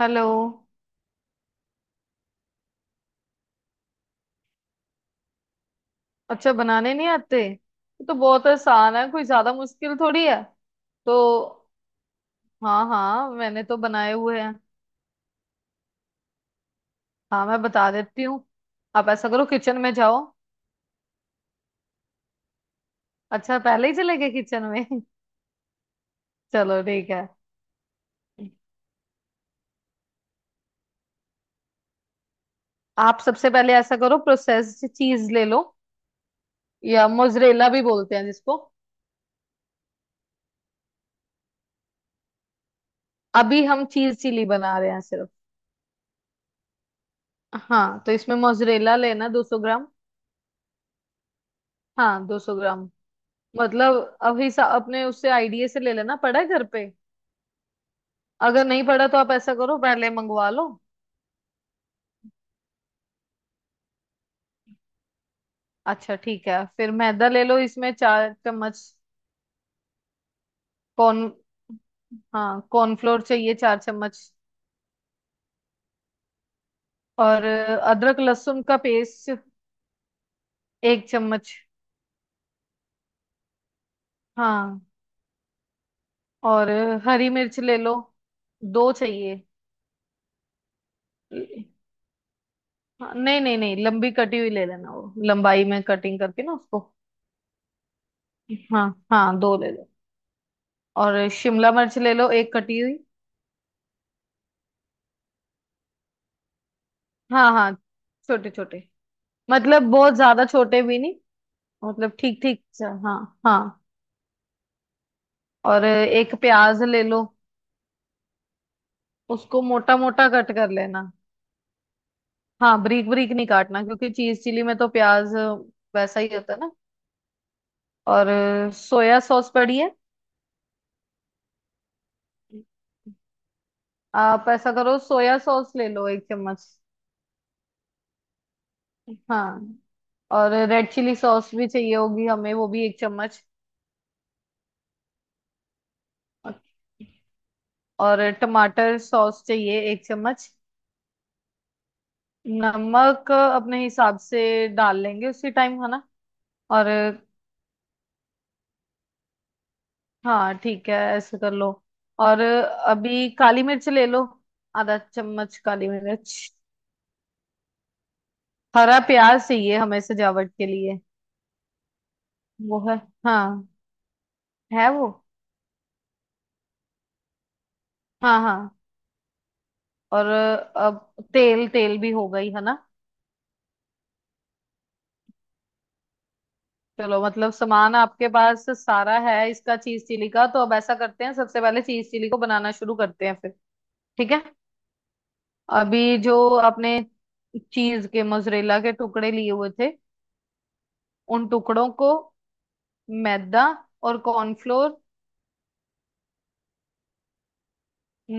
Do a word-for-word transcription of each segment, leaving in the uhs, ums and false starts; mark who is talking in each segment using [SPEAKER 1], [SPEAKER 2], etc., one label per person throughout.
[SPEAKER 1] Hello. अच्छा बनाने नहीं आते? ये तो बहुत आसान है, कोई ज्यादा मुश्किल थोड़ी है। तो हाँ हाँ, मैंने तो बनाए हुए हैं। हाँ मैं बता देती हूँ। आप ऐसा करो, किचन में जाओ। अच्छा पहले ही चले गए किचन में चलो ठीक है। आप सबसे पहले ऐसा करो, प्रोसेस्ड चीज ले लो या मोजरेला भी बोलते हैं जिसको। अभी हम चीज चिली बना रहे हैं सिर्फ। हाँ तो इसमें मोजरेला लेना दो सौ ग्राम। हाँ दो सौ ग्राम। मतलब अब हिसाब अपने उससे आईडीए से ले लेना पड़ा है घर पे। अगर नहीं पड़ा तो आप ऐसा करो, पहले मंगवा लो। अच्छा ठीक है, फिर मैदा ले लो इसमें चार चम्मच। कॉर्न हाँ कॉर्नफ्लोर चाहिए चार चम्मच। और अ, अदरक लहसुन का पेस्ट एक चम्मच। हाँ। और अ, हरी मिर्च ले लो, दो चाहिए। ल- हाँ, नहीं नहीं नहीं लंबी कटी हुई ले लेना, वो लंबाई में कटिंग करके ना उसको। हाँ हाँ दो ले लो। और शिमला मिर्च ले लो एक कटी हुई। हाँ हाँ छोटे छोटे। मतलब बहुत ज्यादा छोटे भी नहीं। मतलब ठीक ठीक सा, हाँ हाँ। और एक प्याज ले लो, उसको मोटा मोटा कट कर लेना। हाँ बारीक बारीक नहीं काटना क्योंकि चीज चिली में तो प्याज वैसा ही होता है ना। और सोया सॉस पड़ी है। आप ऐसा करो, सोया सॉस ले लो एक चम्मच। हाँ। और रेड चिली सॉस भी चाहिए होगी हमें, वो भी एक चम्मच। और टमाटर सॉस चाहिए एक चम्मच। नमक अपने हिसाब से डाल लेंगे उसी टाइम, है ना। और हाँ ठीक है, ऐसे कर लो। और अभी काली मिर्च ले लो, आधा चम्मच काली मिर्च। हरा प्याज चाहिए हमें सजावट के लिए। वो है। हाँ है वो, हाँ हाँ। और अब तेल तेल भी हो गई है ना। चलो, मतलब सामान आपके पास सारा है इसका चीज चिली का, तो अब ऐसा करते हैं सबसे पहले चीज चिली को बनाना शुरू करते हैं फिर। ठीक है। अभी जो आपने चीज के मोजरेला के टुकड़े लिए हुए थे, उन टुकड़ों को मैदा और कॉर्नफ्लोर,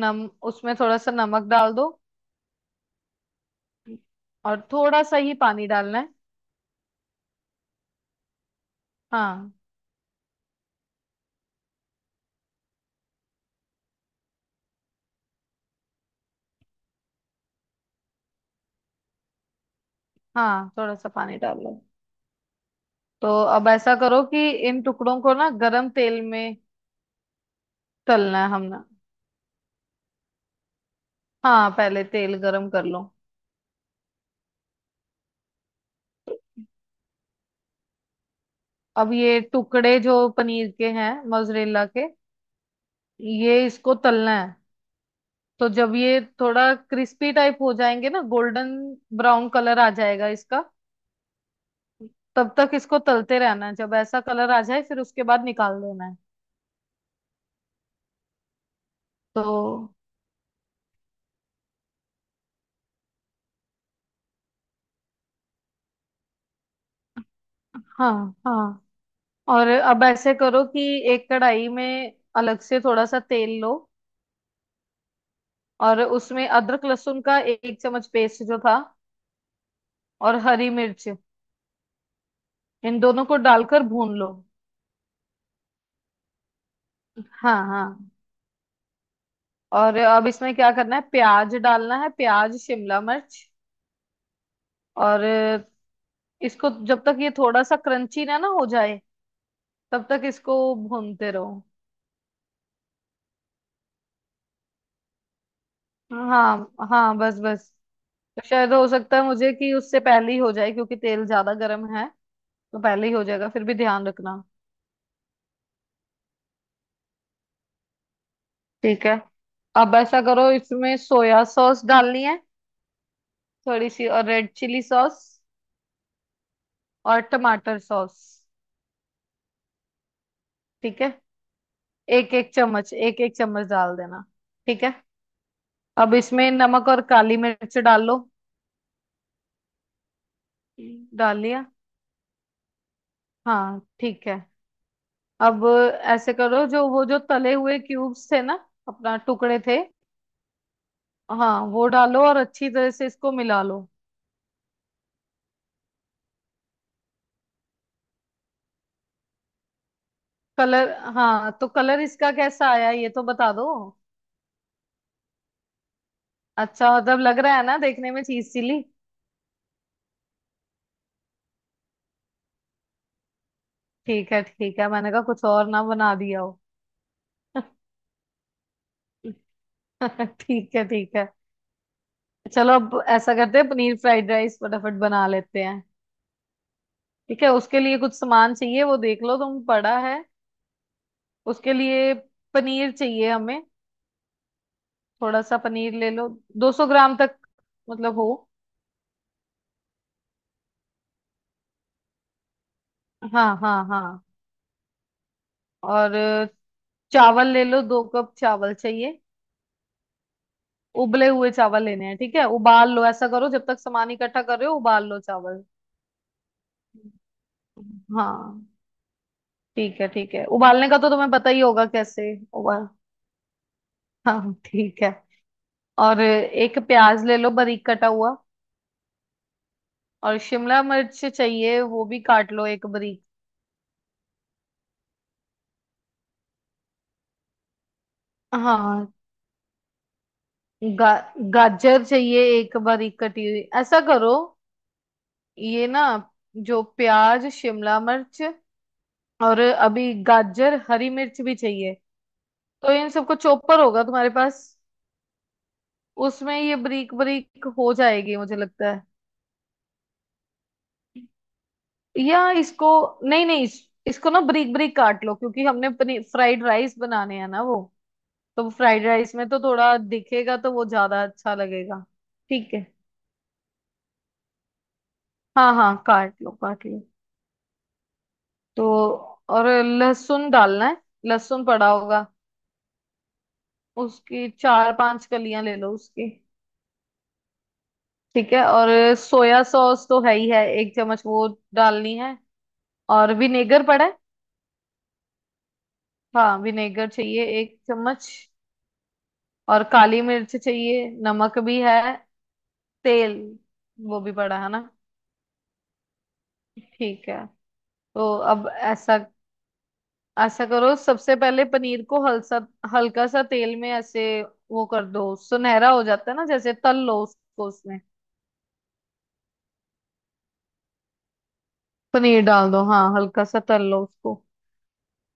[SPEAKER 1] नम उसमें थोड़ा सा नमक डाल दो। और थोड़ा सा ही पानी डालना है। हाँ हाँ थोड़ा सा पानी डाल लो। तो अब ऐसा करो कि इन टुकड़ों को ना गरम तेल में तलना है हमने। हाँ पहले तेल गरम कर लो। अब ये टुकड़े जो पनीर के हैं मोजरेला के, ये इसको तलना है। तो जब ये थोड़ा क्रिस्पी टाइप हो जाएंगे ना, गोल्डन ब्राउन कलर आ जाएगा इसका, तब तक इसको तलते रहना है, जब ऐसा कलर आ जाए फिर उसके बाद निकाल देना है। तो हाँ हाँ। और अब ऐसे करो कि एक कढ़ाई में अलग से थोड़ा सा तेल लो। और उसमें अदरक लहसुन का एक चम्मच पेस्ट जो था, और हरी मिर्च, इन दोनों को डालकर भून लो। हाँ हाँ। और अब इसमें क्या करना है, प्याज डालना है, प्याज शिमला मिर्च, और इसको जब तक ये थोड़ा सा क्रंची ना ना हो जाए, तब तक इसको भूनते रहो। हाँ हाँ बस बस। तो शायद हो सकता है मुझे कि उससे पहले ही हो जाए क्योंकि तेल ज्यादा गर्म है, तो पहले ही हो जाएगा, फिर भी ध्यान रखना। ठीक है। अब ऐसा करो, इसमें सोया सॉस डालनी है थोड़ी सी, और रेड चिली सॉस और टमाटर सॉस। ठीक है। एक एक चम्मच एक एक चम्मच डाल देना। ठीक है। अब इसमें नमक और काली मिर्च डाल लो। डाल लिया। हाँ ठीक है। अब ऐसे करो, जो वो जो तले हुए क्यूब्स थे ना, अपना टुकड़े थे, हाँ वो डालो और अच्छी तरह से इसको मिला लो। कलर हाँ तो कलर इसका कैसा आया, ये तो बता दो। अच्छा मतलब लग रहा है ना देखने में चीज चिली। ठीक है ठीक है, मैंने कहा कुछ और ना बना दिया हो ठीक है ठीक है। चलो, अब ऐसा करते हैं पनीर फ्राइड राइस फटाफट बना लेते हैं। ठीक है, उसके लिए कुछ सामान चाहिए, वो देख लो तुम पड़ा है। उसके लिए पनीर चाहिए हमें। थोड़ा सा पनीर ले लो, दो सौ ग्राम तक मतलब हो। हाँ हाँ हाँ। और चावल ले लो, दो कप चावल चाहिए, उबले हुए चावल लेने हैं। ठीक है उबाल लो, ऐसा करो जब तक सामान इकट्ठा कर रहे हो उबाल लो चावल। हाँ ठीक है ठीक है, उबालने का तो तुम्हें पता ही होगा कैसे। उबाल हाँ ठीक है। और एक प्याज ले लो बारीक कटा हुआ। और शिमला मिर्च चाहिए, वो भी काट लो एक बारीक। हाँ। गा, गाजर चाहिए एक बारीक कटी हुई, ऐसा करो ये ना, जो प्याज शिमला मिर्च और अभी गाजर हरी मिर्च भी चाहिए, तो इन सबको चॉपर होगा तुम्हारे पास। उसमें ये बारीक बारीक हो जाएगी, मुझे लगता है। या इसको, नहीं नहीं, इस, इसको ना बारीक बारीक काट लो, क्योंकि हमने फ्राइड राइस बनाने हैं ना वो। तो फ्राइड राइस में तो थोड़ा दिखेगा, तो वो ज्यादा अच्छा लगेगा। ठीक है, हाँ हाँ काट लो काट लो। तो और लहसुन डालना है, लहसुन पड़ा होगा। उसकी चार पांच कलियां ले लो उसकी। ठीक है। और सोया सॉस तो है ही है, एक चम्मच वो डालनी है। और विनेगर पड़ा है। हाँ विनेगर चाहिए एक चम्मच। और काली मिर्च चाहिए, नमक भी है, तेल वो भी पड़ा है ना। ठीक है। तो अब ऐसा ऐसा करो, सबसे पहले पनीर को हल्सा हल्का सा तेल में ऐसे वो कर दो, सुनहरा हो जाता है ना जैसे, तल लो उसको उसमें। पनीर डाल दो, हाँ हल्का सा तल लो उसको।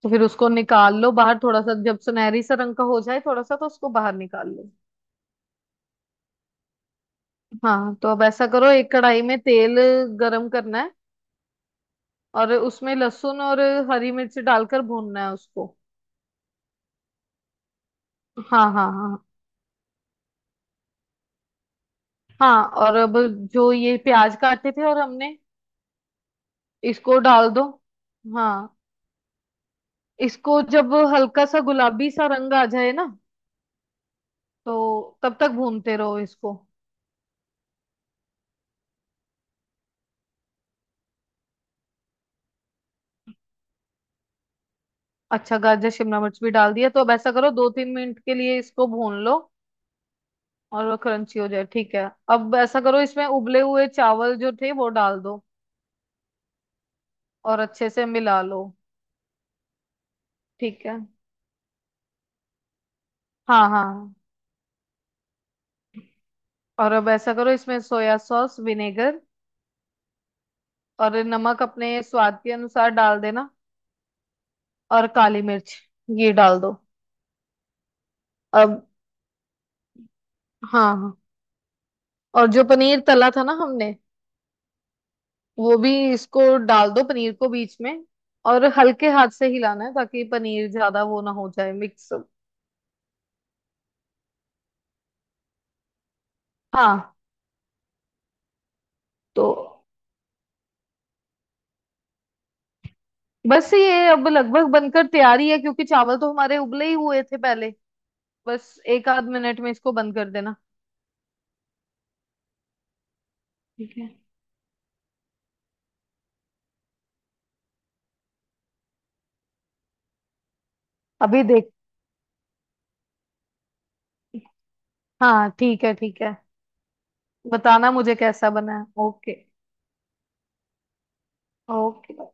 [SPEAKER 1] तो फिर उसको निकाल लो बाहर, थोड़ा सा जब सुनहरी सा रंग का हो जाए थोड़ा सा, तो उसको बाहर निकाल लो। हाँ। तो अब ऐसा करो, एक कढ़ाई में तेल गरम करना है। और उसमें लहसुन और हरी मिर्च डालकर भूनना है उसको। हाँ हाँ हाँ हाँ। और अब जो ये प्याज काटे थे और हमने, इसको डाल दो। हाँ इसको जब हल्का सा गुलाबी सा रंग आ जाए ना, तो तब तक भूनते रहो इसको। अच्छा गाजर शिमला मिर्च भी डाल दिया, तो अब ऐसा करो दो तीन मिनट के लिए इसको भून लो और वो क्रंची हो जाए। ठीक है। अब ऐसा करो, इसमें उबले हुए चावल जो थे वो डाल दो और अच्छे से मिला लो। ठीक है हाँ हाँ। और अब ऐसा करो, इसमें सोया सॉस विनेगर और नमक अपने स्वाद के अनुसार डाल देना। और काली मिर्च ये डाल दो। अब हाँ हाँ। और जो पनीर तला था ना हमने, वो भी इसको डाल दो पनीर को बीच में। और हल्के हाथ से हिलाना है, ताकि पनीर ज्यादा वो ना हो जाए मिक्स। हाँ। तो बस ये अब लगभग बनकर तैयारी है, क्योंकि चावल तो हमारे उबले ही हुए थे पहले। बस एक आध मिनट में इसको बंद कर देना। ठीक है। अभी देख हाँ ठीक है ठीक है, बताना मुझे कैसा बना है, ओके। ओके।